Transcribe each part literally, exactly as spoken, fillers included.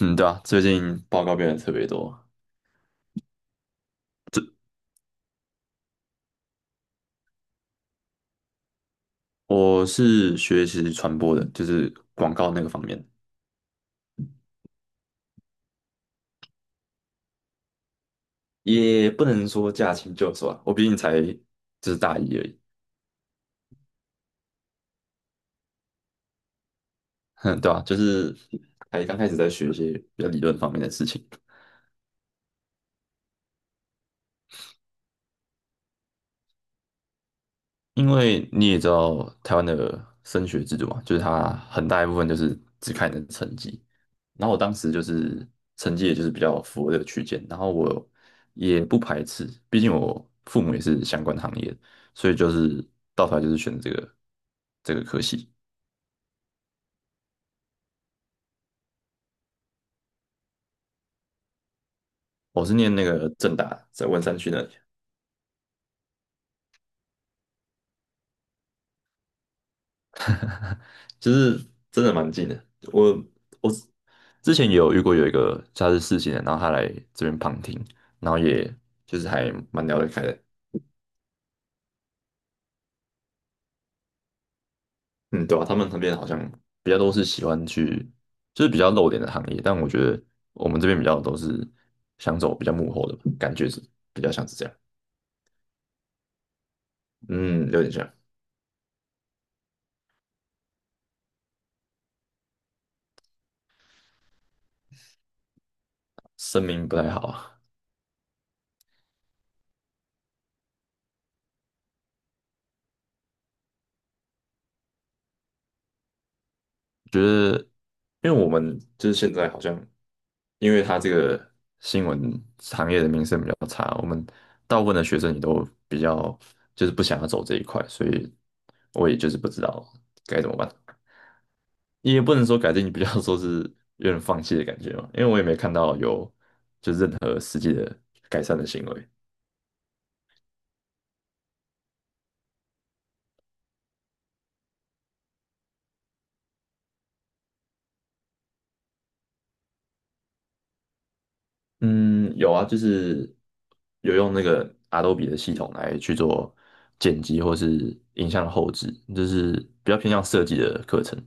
嗯，对啊，最近报告变得特别多。我是学习传播的，就是广告那个方面，也不能说驾轻就熟啊。我毕竟才就是大一而已，哼，对啊，就是还刚开始在学一些比较理论方面的事情。因为你也知道台湾的升学制度嘛，就是它很大一部分就是只看你的成绩。然后我当时就是成绩也就是比较符合这个区间，然后我也不排斥，毕竟我父母也是相关行业的，所以就是到头来就是选这个这个科系。我是念那个正大，在文山区那里，就是真的蛮近的。我我之前也有遇过有一个他是四星的，然后他来这边旁听，然后也就是还蛮聊得开的。嗯，对啊，他们那边好像比较都是喜欢去，就是比较露脸的行业，但我觉得我们这边比较都是想走比较幕后的吧，感觉是比较像是这样，嗯，有点像，声明不太好啊，觉得因为我们就是现在好像，因为他这个新闻行业的名声比较差，我们大部分的学生也都比较就是不想要走这一块，所以我也就是不知道该怎么办。也不能说改进，你比较说是有点放弃的感觉嘛，因为我也没看到有改善的行为。嗯，有啊，就是有用那个 Adobe 的系统来去做剪辑或是影像的后置，就是比较偏向设计的课程。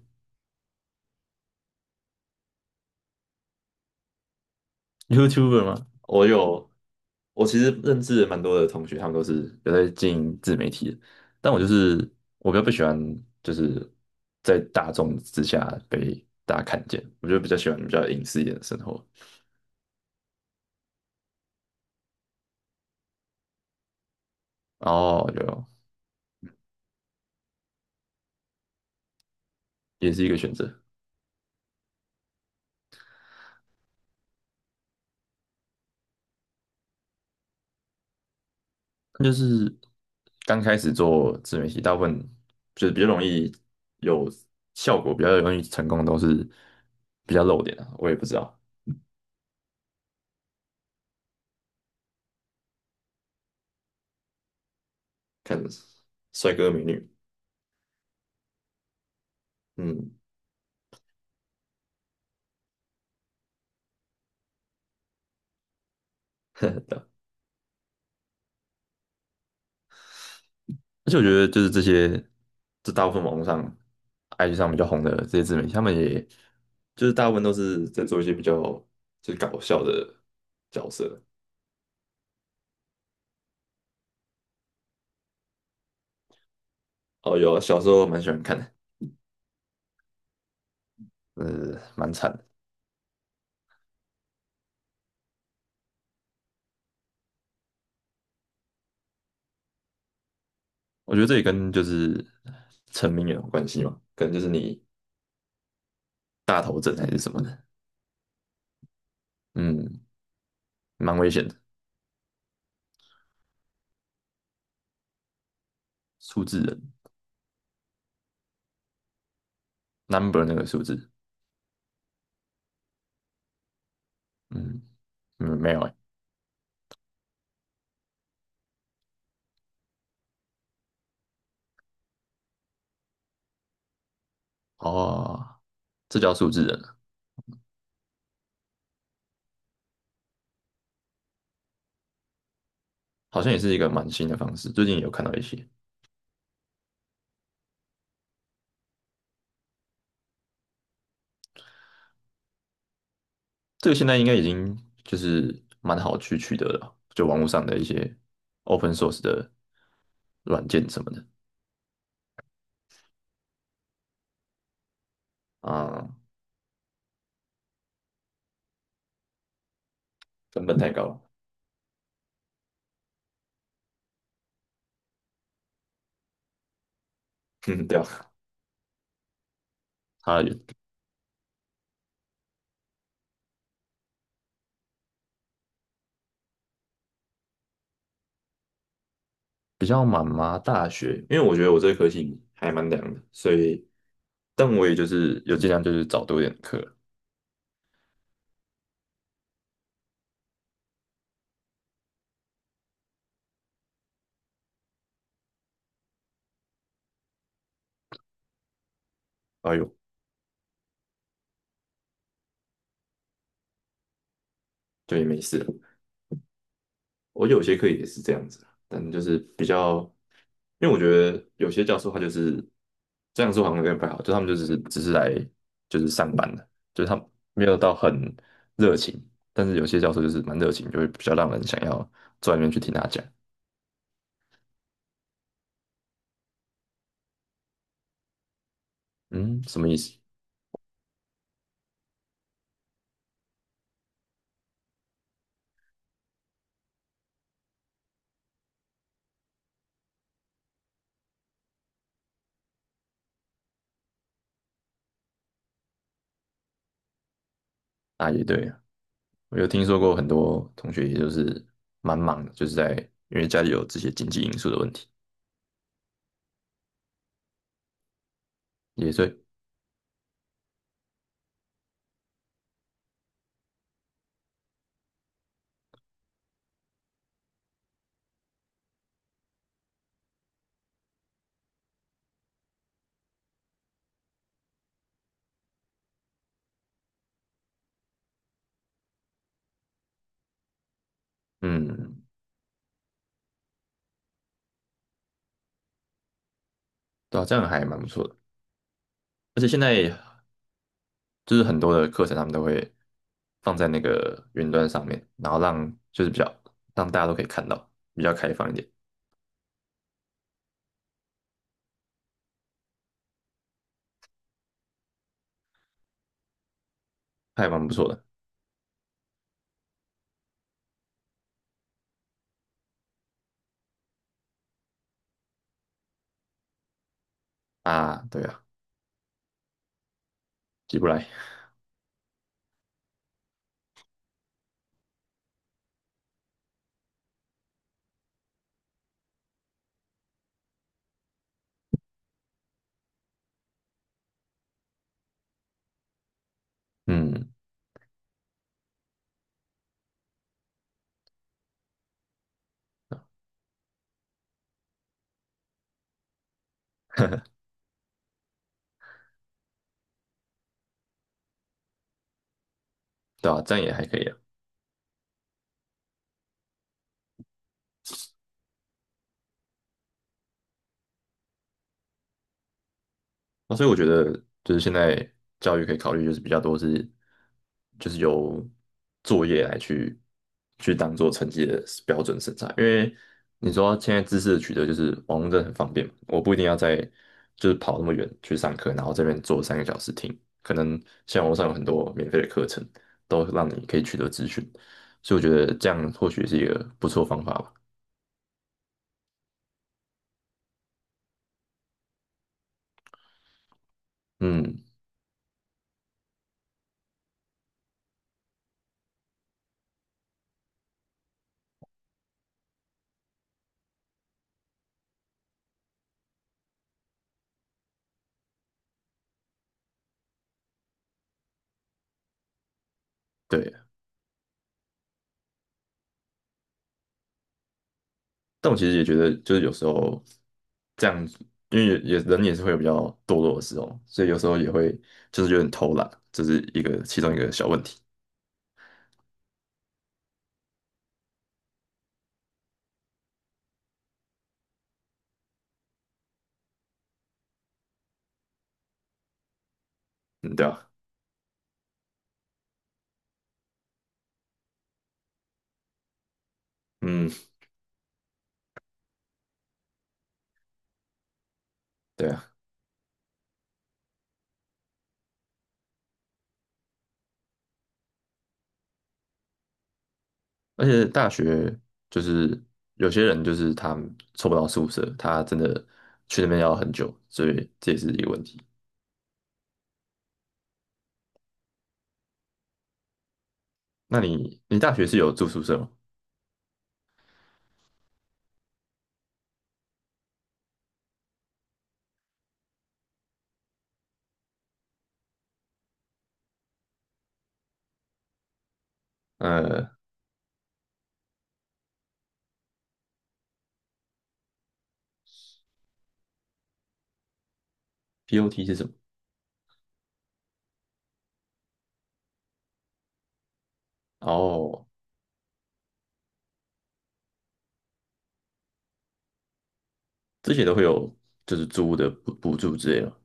YouTuber 吗？我有，我其实认识蛮多的同学，他们都是有在经营自媒体的，但我就是我比较不喜欢，就是在大众之下被大家看见，我就比较喜欢比较隐私一点的生活。哦，有，也是一个选择。那就是刚开始做自媒体，大部分就是比较容易有效果，比较容易成功，都是比较露脸啊。我也不知道，看帅哥美女，嗯，呵呵，对啊，而且我觉得就是这些，这大部分网络上、I G 上比较红的这些自媒体，他们也就是大部分都是在做一些比较就是搞笑的角色。哦，有啊，小时候蛮喜欢看的，呃，蛮惨的。我觉得这也跟就是成名也有关系嘛，可能就是你大头症还是什么的，嗯，蛮危险的。数字人，number 那个数字，嗯嗯，没有哎、哦，这叫数字人啊，好像也是一个蛮新的方式，最近也有看到一些，这个现在应该已经就是蛮好去取得了，就网络上的一些 open source 的软件什么的，啊、成本太高了，嗯，对啊，差得远。比较满吗？大学，因为我觉得我这科系还蛮凉的，所以，但我也就是有尽量就是找多一点课。哎呦，就也没事了。我有些课也是这样子啊，但就是比较，因为我觉得有些教授他就是这样说好像有点不太好，就他们就只是只是来就是上班的，就是他们没有到很热情，但是有些教授就是蛮热情，就会比较让人想要坐在那边去听他讲。嗯，什么意思？啊，也对哦。我有听说过很多同学，也就是蛮忙的，就是在因为家里有这些经济因素的问题，也所以，嗯，对啊，这样还蛮不错的。而且现在就是很多的课程，他们都会放在那个云端上面，然后让就是比较让大家都可以看到，比较开放一点，还蛮不错的啊。对啊，起不来，嗯，对啊，这样也还可以啊。那所以我觉得，就是现在教育可以考虑，就是比较多是，就是由作业来去去当做成绩的标准审查。因为你说现在知识的取得就是网络真的很方便嘛，我不一定要在就是跑那么远去上课，然后这边坐三个小时听，可能像网络上有很多免费的课程，都让你可以取得资讯，所以我觉得这样或许是一个不错的方法吧。嗯，对。但我其实也觉得，就是有时候这样子，因为也也人也是会有比较堕落的时候，所以有时候也会就是有点偷懒，这是一个其中一个小问题。嗯，对啊，嗯，对啊。而且大学就是有些人就是他凑不到宿舍，他真的去那边要很久，所以这也是一个问题。那你你大学是有住宿舍吗？呃，P O T 是什么？哦，这些都会有就是租屋的补补助之类的吗？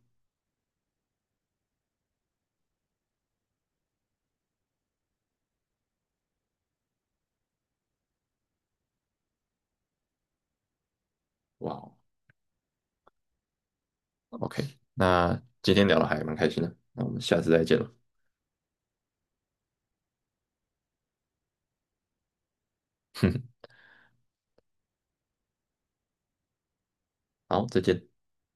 哇，OK,那今天聊的还蛮开心的，那我们下次再见了，哼，好，再见。